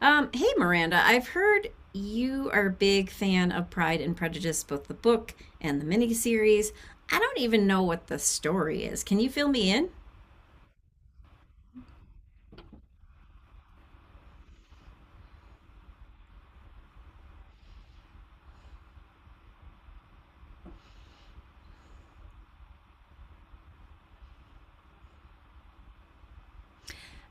Hey, Miranda, I've heard you are a big fan of Pride and Prejudice, both the book and the miniseries. I don't even know what the story is. Can you fill me in?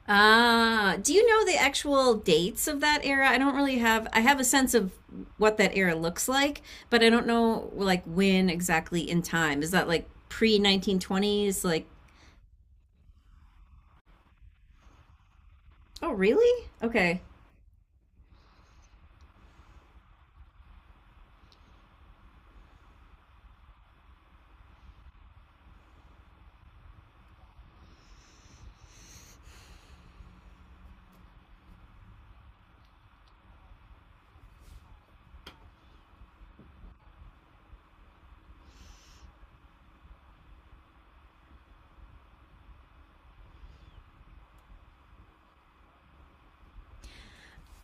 Do you know the actual dates of that era? I don't really have, I have a sense of what that era looks like, but I don't know, like, when exactly in time. Is that like pre 1920s? Like, oh, really? Okay.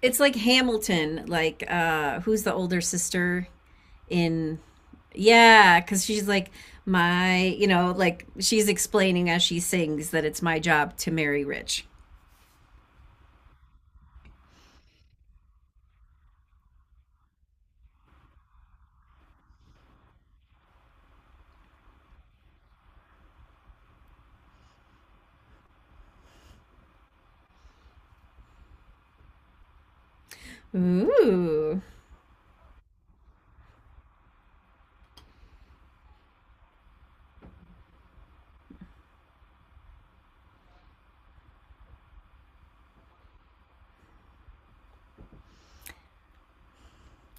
It's like Hamilton, like, who's the older sister in? Yeah, because she's like, my, you know, like she's explaining as she sings that it's my job to marry rich. Ooh.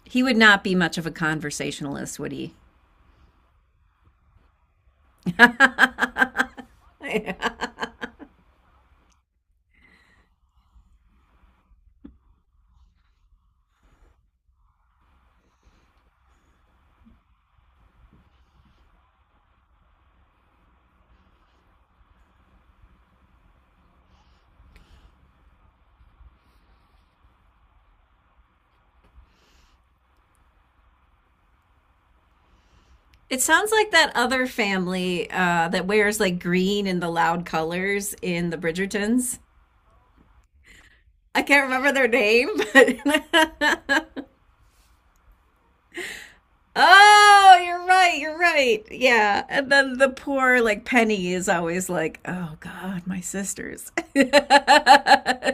He would not be much of a conversationalist, would he? It sounds like that other family that wears like green and the loud colors in the Bridgertons. I can't remember their name, but oh, you're right. You're right. Yeah. And then the poor, like, Penny is always like, oh, God, my sisters.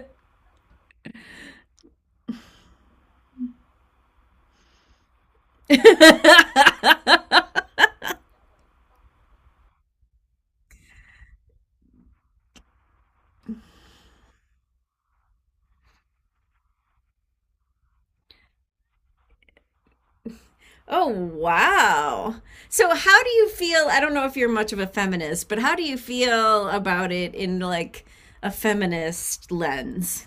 Oh, wow. So, how do you feel? I don't know if you're much of a feminist, but how do you feel about it in like a feminist lens?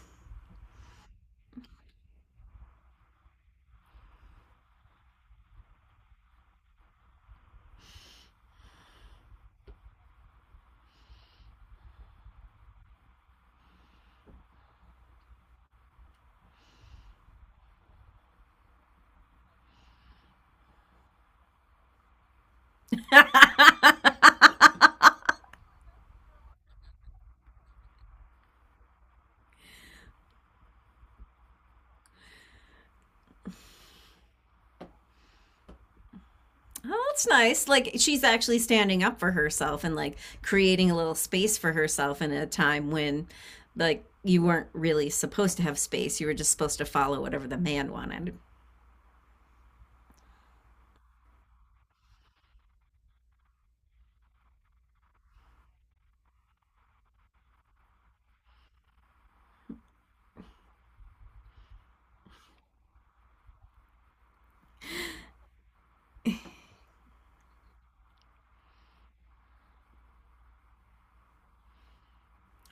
Oh, that's nice. Like she's actually standing up for herself and like creating a little space for herself in a time when like you weren't really supposed to have space. You were just supposed to follow whatever the man wanted.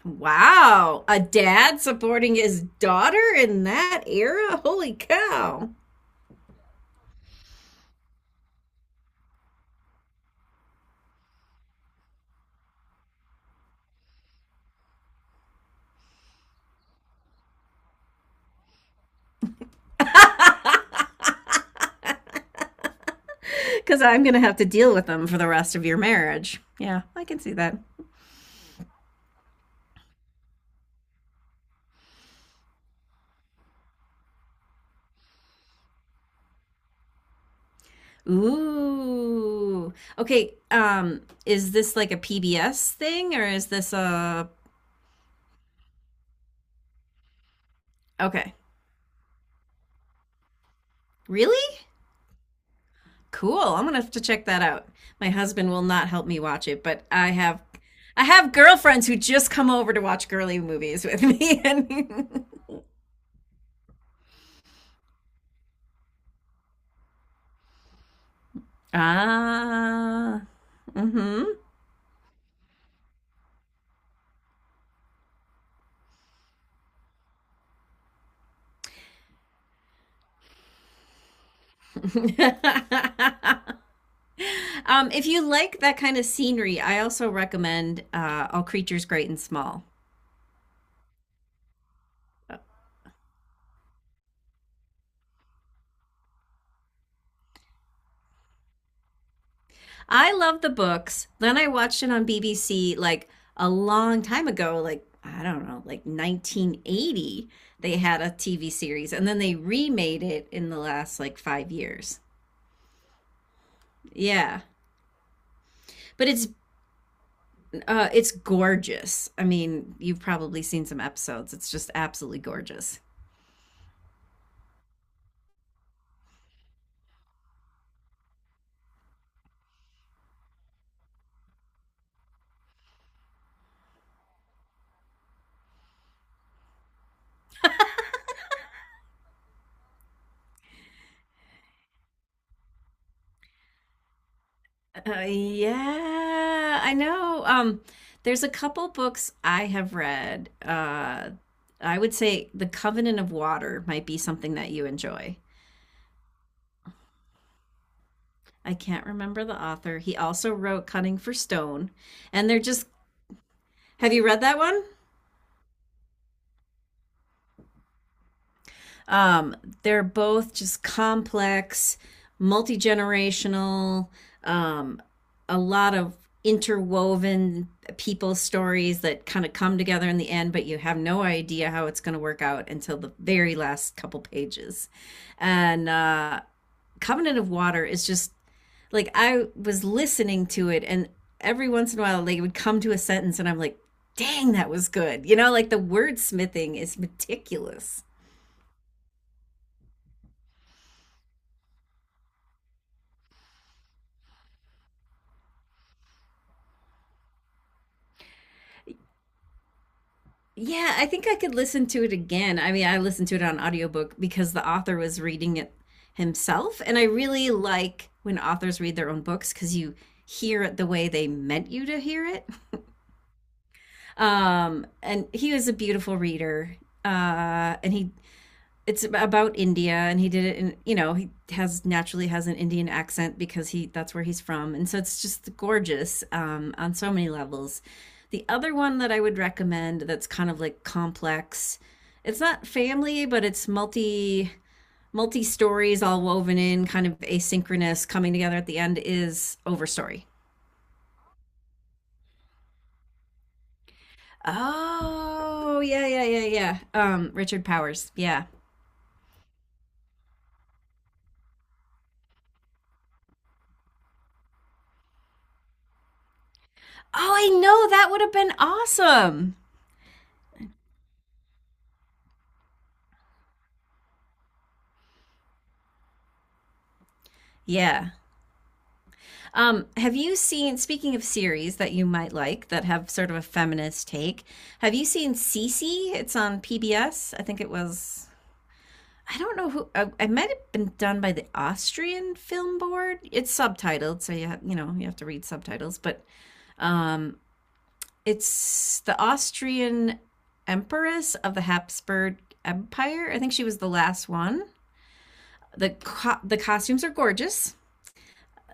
Wow, a dad supporting his daughter in that era? Holy cow. Cuz I'm going to have to deal with them for the rest of your marriage. Yeah, I can see that. Ooh. Okay, is this like a PBS thing or is this a? Okay. Really? Cool. I'm gonna have to check that out. My husband will not help me watch it, but I have girlfriends who just come over to watch girly movies with me. And ah, mm-hmm. If you like that kind of scenery, I also recommend All Creatures Great and Small. I love the books. Then I watched it on BBC like a long time ago, like I don't know, like 1980. They had a TV series and then they remade it in the last like 5 years. Yeah. But it's gorgeous. I mean, you've probably seen some episodes. It's just absolutely gorgeous. Yeah, I know. There's a couple books I have read. I would say The Covenant of Water might be something that you enjoy. I can't remember the author. He also wrote Cutting for Stone. And they're just, have you read that one? Um, they're both just complex, multi generational, um, a lot of interwoven people stories that kind of come together in the end, but you have no idea how it's going to work out until the very last couple pages. And Covenant of Water is just like I was listening to it, and every once in a while, like it would come to a sentence, and I'm like, dang, that was good. You know, like the wordsmithing is meticulous. Yeah, I think I could listen to it again. I mean, I listened to it on audiobook because the author was reading it himself. And I really like when authors read their own books because you hear it the way they meant you to hear it. And he was a beautiful reader. And he it's about India and he did it in you know he has naturally has an Indian accent because he that's where he's from and so it's just gorgeous on so many levels. The other one that I would recommend that's kind of like complex, it's not family but it's multi stories all woven in, kind of asynchronous coming together at the end is Overstory. Oh yeah. Richard Powers, yeah. Oh I know, that would have been awesome. Yeah, um, have you seen, speaking of series that you might like that have sort of a feminist take, have you seen Cece? It's on PBS. I think it was, I don't know who, I might have been done by the Austrian Film Board. It's subtitled, so you have, you know, you have to read subtitles, but um, it's the Austrian Empress of the Habsburg Empire. I think she was the last one. The costumes are gorgeous.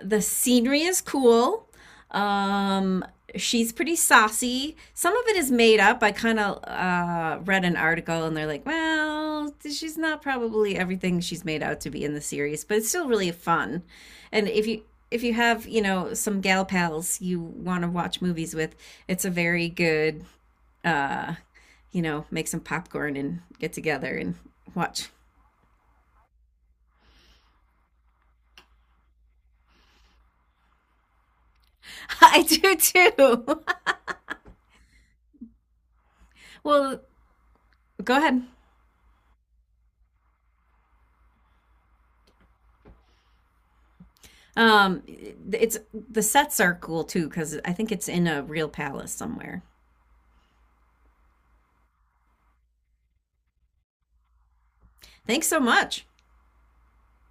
The scenery is cool. Um, she's pretty saucy. Some of it is made up. I kind of read an article and they're like, well, she's not probably everything she's made out to be in the series, but it's still really fun. And if you have, you know, some gal pals you want to watch movies with, it's a very good uh, you know, make some popcorn and get together and watch. I do too. Well, go ahead. Um, it's the sets are cool too because I think it's in a real palace somewhere. Thanks so much.